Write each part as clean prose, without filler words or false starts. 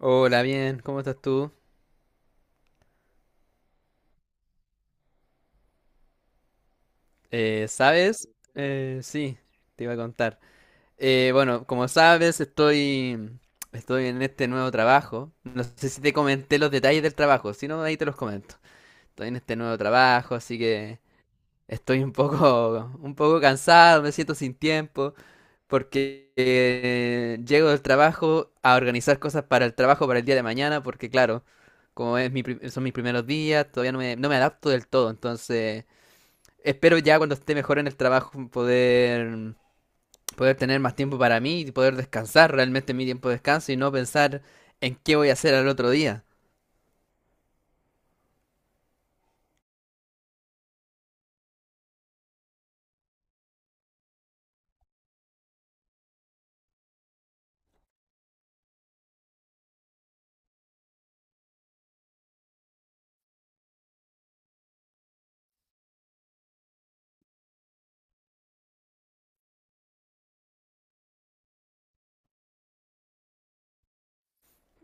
Hola, bien, ¿cómo estás tú? ¿Sabes? Sí, te iba a contar. Bueno, como sabes, estoy en este nuevo trabajo. No sé si te comenté los detalles del trabajo, si no, ahí te los comento. Estoy en este nuevo trabajo, así que estoy un poco, un poco cansado, me siento sin tiempo, porque llego del trabajo a organizar cosas para el trabajo para el día de mañana, porque claro, como es son mis primeros días, todavía no me adapto del todo, entonces espero ya cuando esté mejor en el trabajo poder tener más tiempo para mí y poder descansar realmente mi tiempo de descanso y no pensar en qué voy a hacer al otro día.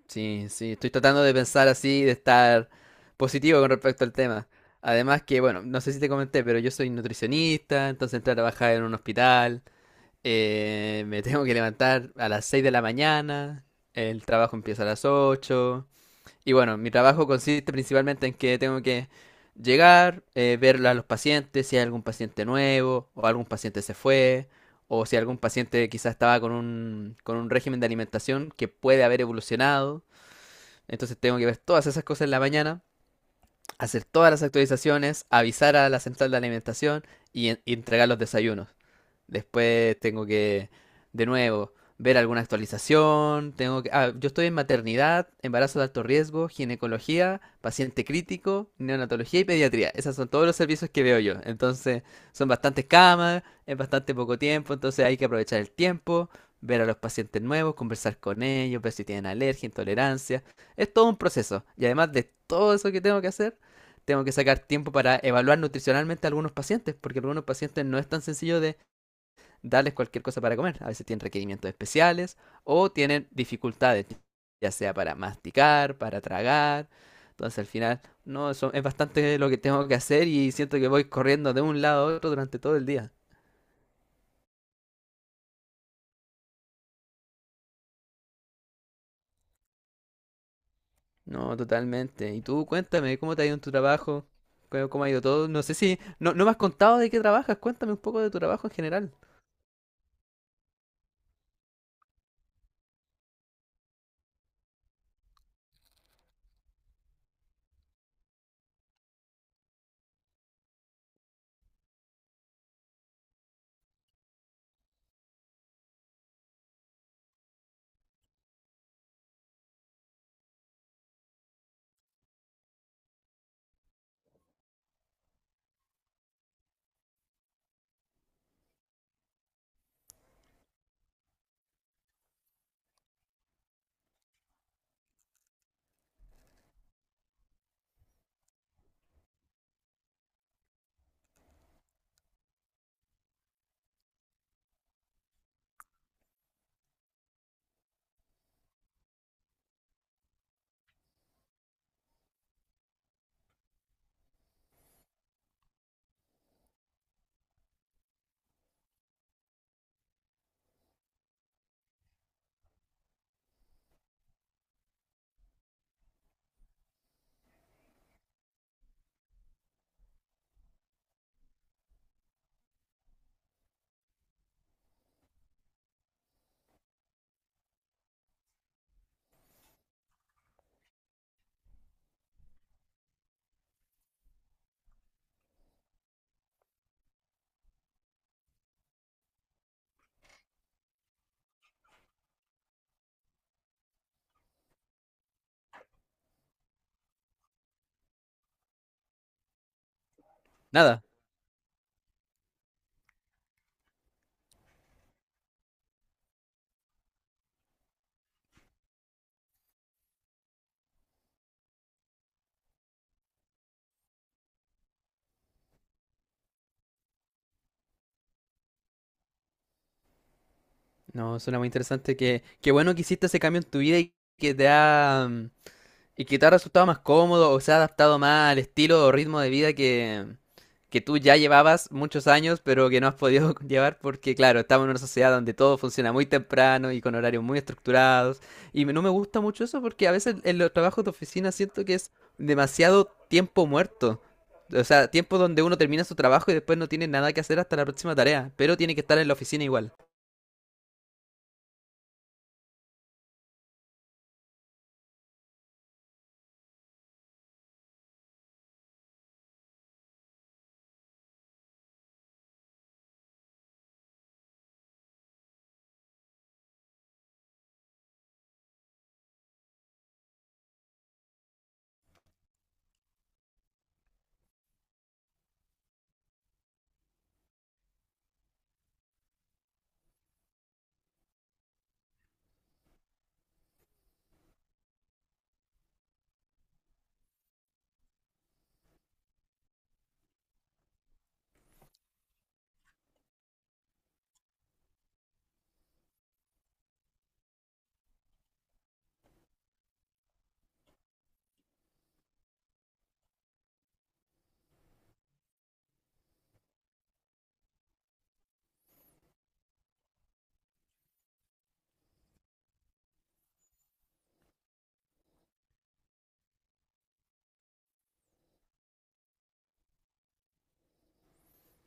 Sí, sí, estoy tratando de pensar así, de estar positivo con respecto al tema. Además que, bueno, no sé si te comenté, pero yo soy nutricionista, entonces entré a trabajar en un hospital. Me tengo que levantar a las 6 de la mañana, el trabajo empieza a las 8. Y bueno, mi trabajo consiste principalmente en que tengo que llegar, ver a los pacientes, si hay algún paciente nuevo, o algún paciente se fue, o si algún paciente quizás estaba con con un régimen de alimentación que puede haber evolucionado. Entonces tengo que ver todas esas cosas en la mañana, hacer todas las actualizaciones, avisar a la central de alimentación y, y entregar los desayunos. Después tengo que, de nuevo, ver alguna actualización. Tengo que, yo estoy en maternidad, embarazo de alto riesgo, ginecología, paciente crítico, neonatología y pediatría. Esos son todos los servicios que veo yo. Entonces, son bastantes camas, es bastante poco tiempo, entonces hay que aprovechar el tiempo, ver a los pacientes nuevos, conversar con ellos, ver si tienen alergia, intolerancia. Es todo un proceso. Y además de todo eso que tengo que hacer, tengo que sacar tiempo para evaluar nutricionalmente a algunos pacientes, porque a algunos pacientes no es tan sencillo de darles cualquier cosa para comer. A veces tienen requerimientos especiales o tienen dificultades, ya sea para masticar, para tragar. Entonces al final, no, eso es bastante lo que tengo que hacer y siento que voy corriendo de un lado a otro durante todo el día. No, totalmente. Y tú cuéntame, ¿cómo te ha ido en tu trabajo? Cómo ha ido todo? No sé si, no, no me has contado de qué trabajas, cuéntame un poco de tu trabajo en general. Nada. No, suena muy interesante. Qué bueno que hiciste ese cambio en tu vida y que te ha resultado más cómodo o se ha adaptado más al estilo o ritmo de vida que tú ya llevabas muchos años, pero que no has podido llevar porque, claro, estamos en una sociedad donde todo funciona muy temprano y con horarios muy estructurados. Y no me gusta mucho eso porque a veces en los trabajos de oficina siento que es demasiado tiempo muerto. O sea, tiempo donde uno termina su trabajo y después no tiene nada que hacer hasta la próxima tarea, pero tiene que estar en la oficina igual.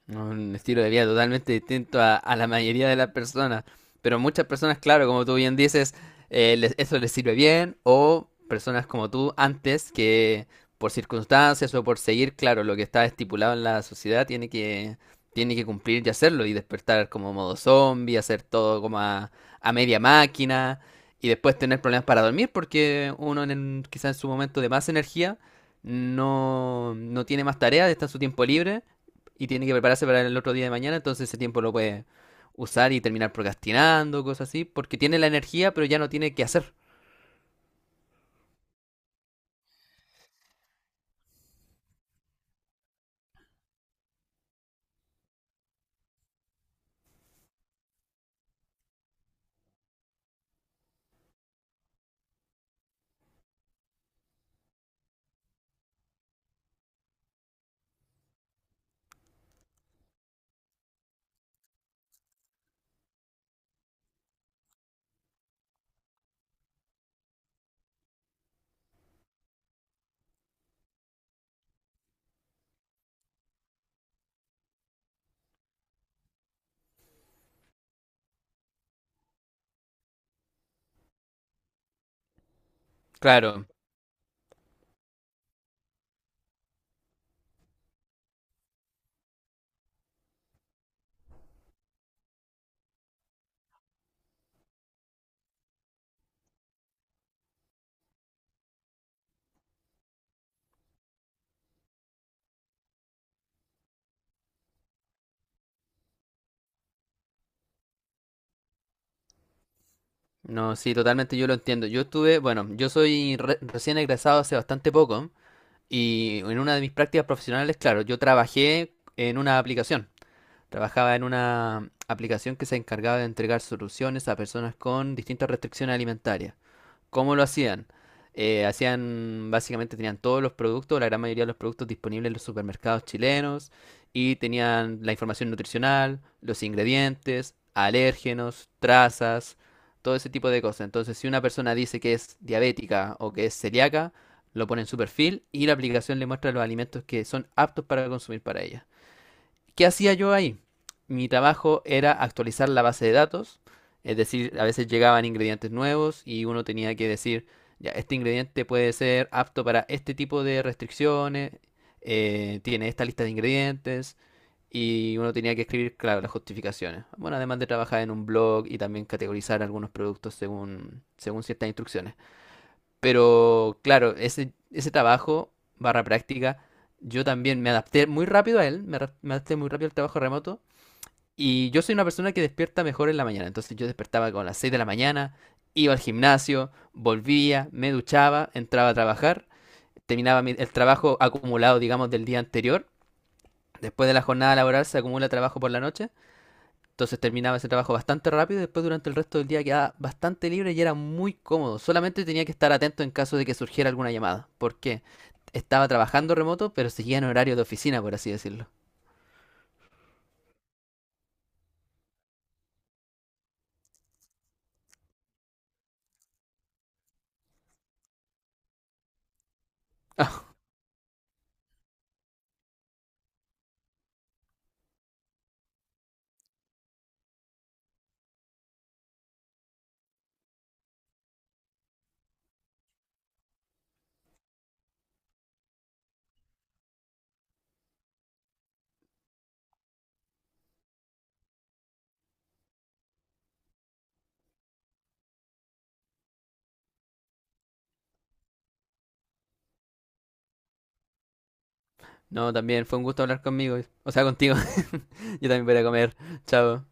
Un estilo de vida totalmente distinto a la mayoría de las personas. Pero muchas personas, claro, como tú bien dices, eso les sirve bien. O personas como tú antes que por circunstancias o por seguir, claro, lo que está estipulado en la sociedad tiene que cumplir y hacerlo. Y despertar como modo zombie, hacer todo como a media máquina. Y después tener problemas para dormir porque uno quizás en su momento de más energía no tiene más tareas, está en su tiempo libre y tiene que prepararse para el otro día de mañana, entonces ese tiempo lo puede usar y terminar procrastinando, cosas así, porque tiene la energía, pero ya no tiene que hacer. Claro. No, sí, totalmente yo lo entiendo. Yo estuve, bueno, yo soy recién egresado hace bastante poco y en una de mis prácticas profesionales, claro, yo trabajé en una aplicación. Trabajaba en una aplicación que se encargaba de entregar soluciones a personas con distintas restricciones alimentarias. ¿Cómo lo hacían? Hacían, básicamente tenían todos los productos, la gran mayoría de los productos disponibles en los supermercados chilenos y tenían la información nutricional, los ingredientes, alérgenos, trazas, todo ese tipo de cosas. Entonces, si una persona dice que es diabética o que es celíaca, lo pone en su perfil y la aplicación le muestra los alimentos que son aptos para consumir para ella. ¿Qué hacía yo ahí? Mi trabajo era actualizar la base de datos, es decir, a veces llegaban ingredientes nuevos y uno tenía que decir, ya, este ingrediente puede ser apto para este tipo de restricciones, tiene esta lista de ingredientes y uno tenía que escribir, claro, las justificaciones. Bueno, además de trabajar en un blog y también categorizar algunos productos según ciertas instrucciones. Pero claro, ese trabajo, barra práctica, yo también me adapté muy rápido a él, me adapté muy rápido al trabajo remoto. Y yo soy una persona que despierta mejor en la mañana. Entonces yo despertaba con las 6 de la mañana, iba al gimnasio, volvía, me duchaba, entraba a trabajar, terminaba el trabajo acumulado, digamos, del día anterior. Después de la jornada laboral se acumula trabajo por la noche. Entonces terminaba ese trabajo bastante rápido y después durante el resto del día quedaba bastante libre y era muy cómodo. Solamente tenía que estar atento en caso de que surgiera alguna llamada. Porque estaba trabajando remoto, pero seguía en horario de oficina, por así decirlo. Ah, no, también fue un gusto hablar conmigo. O sea, contigo. Yo también voy a comer. Chao.